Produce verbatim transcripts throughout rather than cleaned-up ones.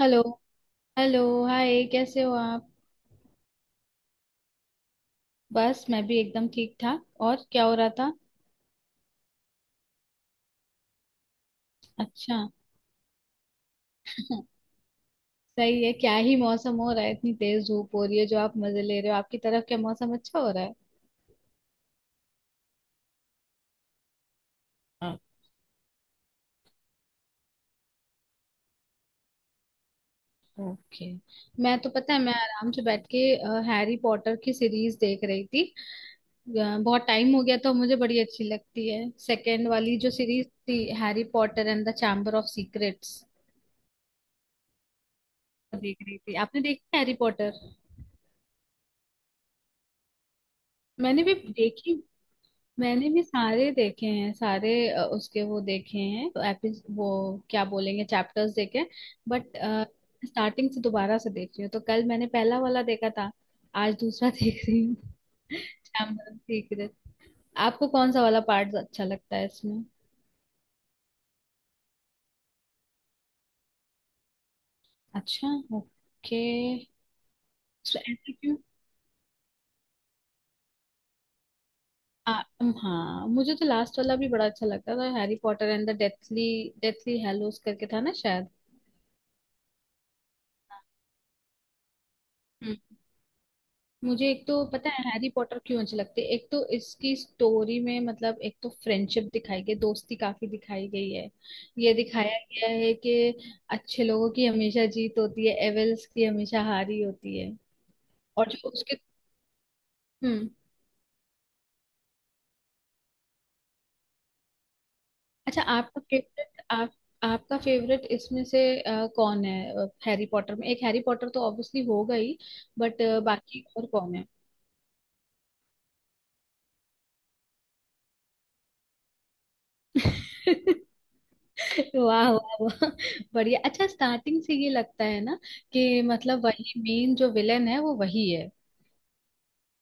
Hello. Hello. Hi, कैसे हो आप? बस मैं भी एकदम ठीक ठाक। और क्या हो रहा था? अच्छा। सही है। क्या ही मौसम हो रहा है, इतनी तेज धूप हो रही है जो आप मजे ले रहे हो। आपकी तरफ क्या मौसम अच्छा हो रहा है? हाँ। ओके। मैं तो, पता है, मैं आराम से बैठ के अ, हैरी पॉटर की सीरीज देख रही थी। अ, बहुत टाइम हो गया, तो मुझे बड़ी अच्छी लगती है सेकेंड वाली जो सीरीज थी, Harry Potter and the Chamber of Secrets. देख रही थी। आपने देखी हैरी पॉटर? मैंने भी देखी। मैंने भी सारे देखे हैं, सारे अ, उसके वो देखे हैं, एपि वो क्या बोलेंगे, चैप्टर्स देखे। बट स्टार्टिंग से दोबारा से देख रही हूँ, तो कल मैंने पहला वाला देखा था, आज दूसरा देख रही हूँ। Chamber of Secret. आपको कौन सा वाला पार्ट अच्छा लगता है इसमें? अच्छा। ओके। सो ऐसा क्यों? आ, अम, हाँ, मुझे तो लास्ट वाला भी बड़ा अच्छा लगता था, Harry Potter and the deathly deathly hallows करके था ना शायद। मुझे एक तो पता है हैरी पॉटर क्यों अच्छी लगती है। एक तो इसकी स्टोरी में, मतलब एक तो फ्रेंडशिप दिखाई गई, दोस्ती काफी दिखाई गई है। ये दिखाया गया है कि अच्छे लोगों की हमेशा जीत होती है, एविल्स की हमेशा हार ही होती है। और जो उसके। हम्म। अच्छा, आपका फेवरेट आप, आपका फेवरेट इसमें से अ, कौन है? हैरी पॉटर में एक हैरी पॉटर तो ऑब्वियसली होगा ही। बट बाकी और कौन है? वाह वाह वाह। बढ़िया। अच्छा, स्टार्टिंग से ये लगता है ना, कि मतलब वही मेन जो विलेन है वो वही है।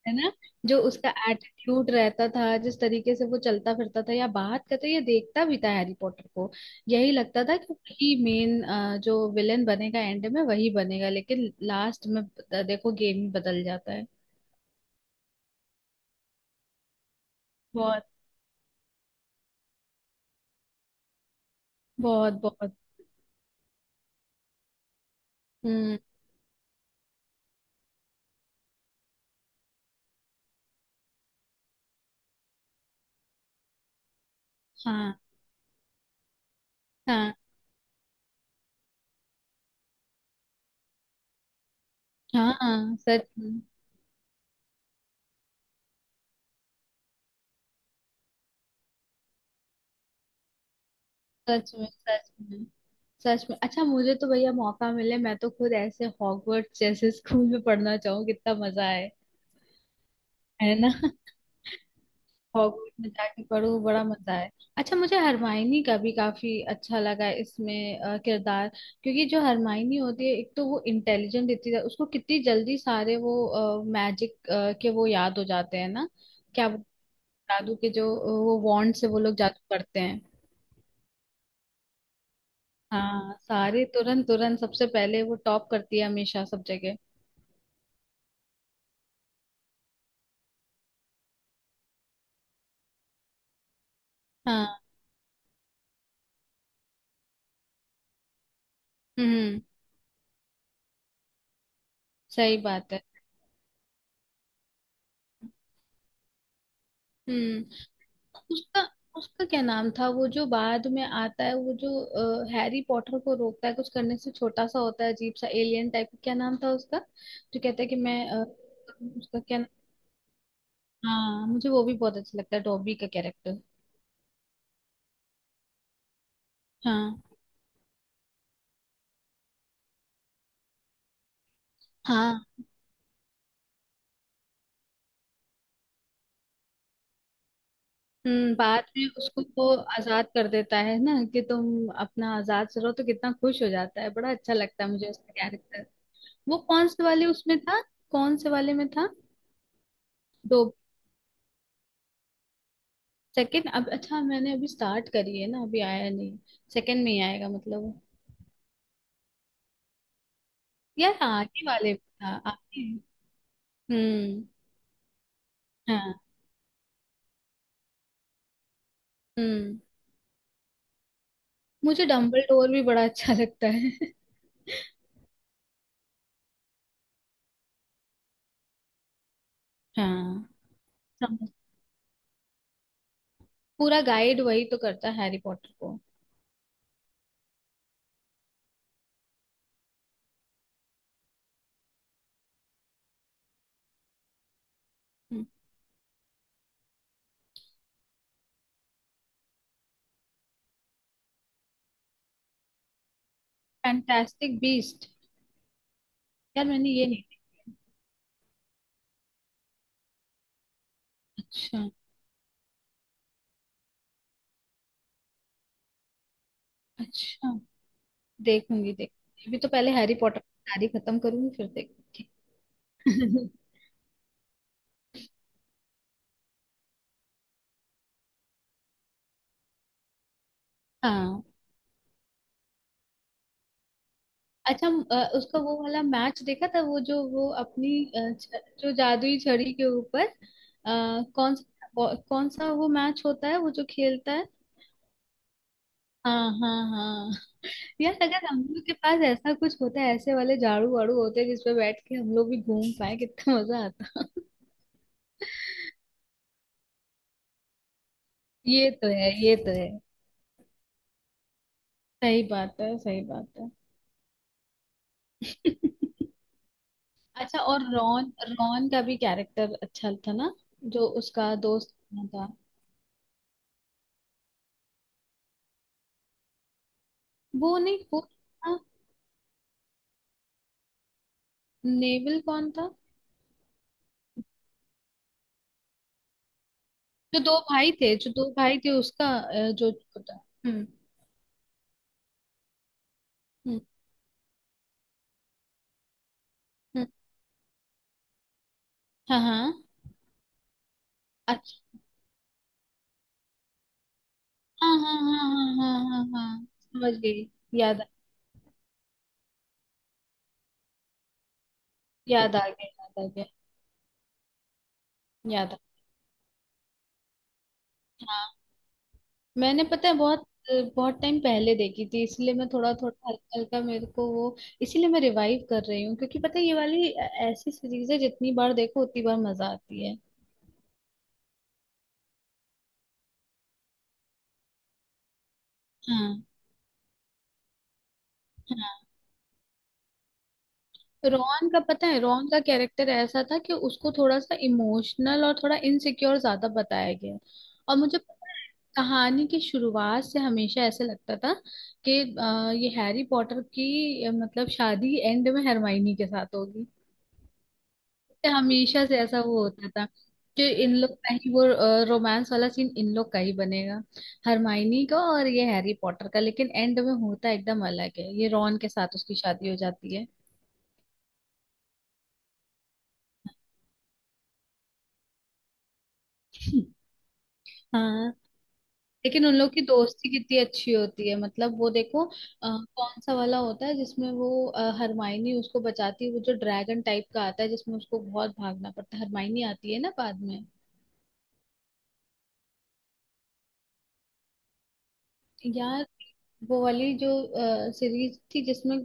है ना? जो उसका एटीट्यूड रहता था, जिस तरीके से वो चलता फिरता था, या बात करता, या देखता भी था हैरी पॉटर को, यही लगता था कि वही मेन जो विलेन बनेगा, एंड में वही बनेगा। लेकिन लास्ट में ब- देखो गेम ही बदल जाता है। बहुत बहुत बहुत। हम्म। हाँ हाँ हाँ, सच में। सच में सच में सच में। अच्छा, मुझे तो भैया मौका मिले, मैं तो खुद ऐसे हॉगवर्ट्स जैसे स्कूल में पढ़ना चाहूँ, कितना मजा आए। है ना? हॉगवर्ट्स में जाके पढ़ू, बड़ा मजा आए। अच्छा, मुझे हरमाइनी का भी काफी अच्छा लगा इसमें अ, किरदार। क्योंकि जो हरमाइनी होती है, एक तो वो इंटेलिजेंट इतनी ज्यादा- उसको कितनी जल्दी सारे वो मैजिक के वो याद हो जाते हैं ना। क्या वो जादू के जो अ, वो वॉन्ड से वो लोग जादू करते हैं। हाँ, सारी तुरंत तुरंत सबसे पहले वो टॉप करती है हमेशा सब जगह। हाँ। हम्म। सही बात है। हम्म। उसका उसका क्या नाम था वो जो बाद में आता है, वो जो अ, हैरी पॉटर को रोकता है कुछ करने से, छोटा सा होता है, अजीब सा एलियन टाइप, क्या नाम था उसका? जो कहता है कि मैं अ, उसका क्या नाम- हाँ, मुझे वो भी बहुत अच्छा लगता है, डॉबी का कैरेक्टर। हाँ हाँ। हम्म, बाद में उसको वो आजाद कर देता है ना कि तुम अपना आजाद से रहो, तो कितना खुश हो जाता है, बड़ा अच्छा लगता है मुझे उसका कैरेक्टर। वो कौन से वाले उसमें था? कौन से वाले में था? दो? सेकंड? अब अच्छा, मैंने अभी स्टार्ट करी है ना, अभी आया नहीं। सेकंड में ही आएगा मतलब? यार, आगे वाले में था, आगे। हम्म। हाँ। हम्म। मुझे डम्बल डोर भी बड़ा अच्छा लगता है। हाँ। समझ- पूरा गाइड वही तो करता है हैरी पॉटर को। Fantastic beast. यार मैंने ये नहीं। अच्छा अच्छा। देखूंगी देखूंगी, अभी तो पहले हैरी पॉटर की सारी खत्म करूंगी, फिर देखूंगी। हाँ। अच्छा, म- अ, उसका वो वाला मैच देखा था, वो जो वो अपनी अ, छ- जो जादुई छड़ी के ऊपर अ, कौन सा वो- कौन सा वो मैच होता है, वो जो खेलता है? हाँ हाँ हाँ। यार, अगर हम लोग के पास ऐसा कुछ होता है, ऐसे वाले झाड़ू वाड़ू होते जिसपे बैठ के हम लोग भी घूम पाए, कितना मजा आता। ये तो है, ये तो है। सही बात है, सही बात है। अच्छा, और रॉन रॉन का भी कैरेक्टर अच्छा था ना, जो उसका दोस्त बना था। वो नहीं, वो था। नेविल कौन था? जो दो भाई थे जो दो भाई थे उसका अ, जो छोटा। हम्म। हम्म। हम्म, हाँ हाँ। अच्छा, हाँ हाँ हाँ हाँ हाँ हाँ हाँ हाँ, समझ गई। याद आ- याद आ गया। याद आ गया। याद आ मैंने, पता है, बहुत बहुत टाइम पहले देखी थी, इसलिए मैं थोड़ा थोड़ा हल्का हल्का मेरे को वो, इसीलिए मैं रिवाइव कर रही हूँ, क्योंकि पता है ये वाली ऐ- ऐसी सीरीज है जितनी बार देखो उतनी बार मजा आती है। हाँ। हाँ। रोहन का, पता है, रोहन का कैरेक्टर ऐसा था कि उसको थोड़ा सा इमोशनल और थोड़ा इनसिक्योर ज्यादा बताया गया है। और मुझे पता है, कहानी की शुरुआत से हमेशा ऐसे लगता था कि अ, ये हैरी पॉटर की अ, मतलब शादी एंड में हरमाइनी के साथ होगी। हमेशा से ऐसा वो होता था कि इन लोग का ही वो रोमांस वाला सीन इन लोग का ही बनेगा, हरमाइनी का और ये हैरी पॉटर का। लेकिन एंड में होता एकदम अलग है, ये रॉन के साथ उसकी शादी हो जाती है। हाँ, लेकिन उन लोग की दोस्ती कितनी अच्छी होती है, मतलब वो देखो, अ, कौन सा वाला होता है जिसमें वो अ, हरमाइनी उसको बचाती है, वो जो ड्रैगन टाइप का आता है जिसमें उसको बहुत भागना पड़ता है, हरमाइनी आती है ना बाद में। यार वो वाली जो सीरीज थी जिसमें,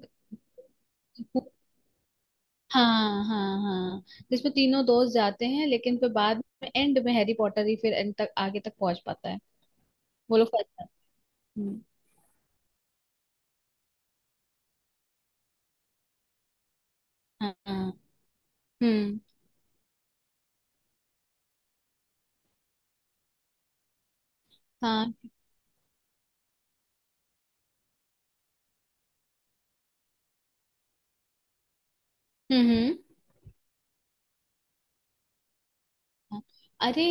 हाँ हाँ हाँ, जिसमें तीनों दोस्त जाते हैं, लेकिन फिर बाद में एंड में हैरी पॉटर ही फिर एंड तक आगे तक पहुंच पाता है, वो लोग फंस जाते हैं। हाँ हाँ। हम्म। हाँ। हम्म। हम्म। हाँ। अरे,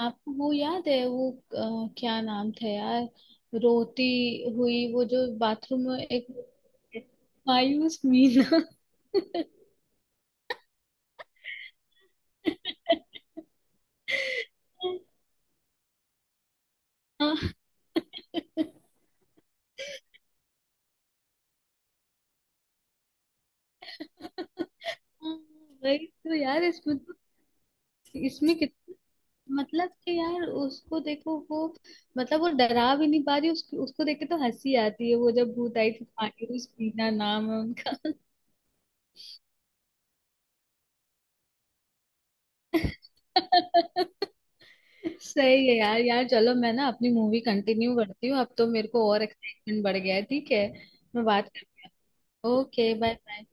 आपको वो याद है वो अ, क्या नाम था यार, रोती हुई, वो जो बाथरूम में एक, मायूस मीना। हाँ हाँ। वही तो यार, इसमें तो, इसमें कितना, मतलब कि यार उसको देखो वो, मतलब वो डरा भी नहीं पा रही उसको उसको देख के तो हंसी आती है। वो जब भूत आई थी, मायूस पीना नाम है उनका। सही है यार। यार चलो, मैं ना अपनी मूवी कंटिन्यू करती हूँ, अब तो मेरे को और एक्साइटमेंट बढ़ गया है, ठीक है। मैं बात करती हूँ। Okay, bye bye.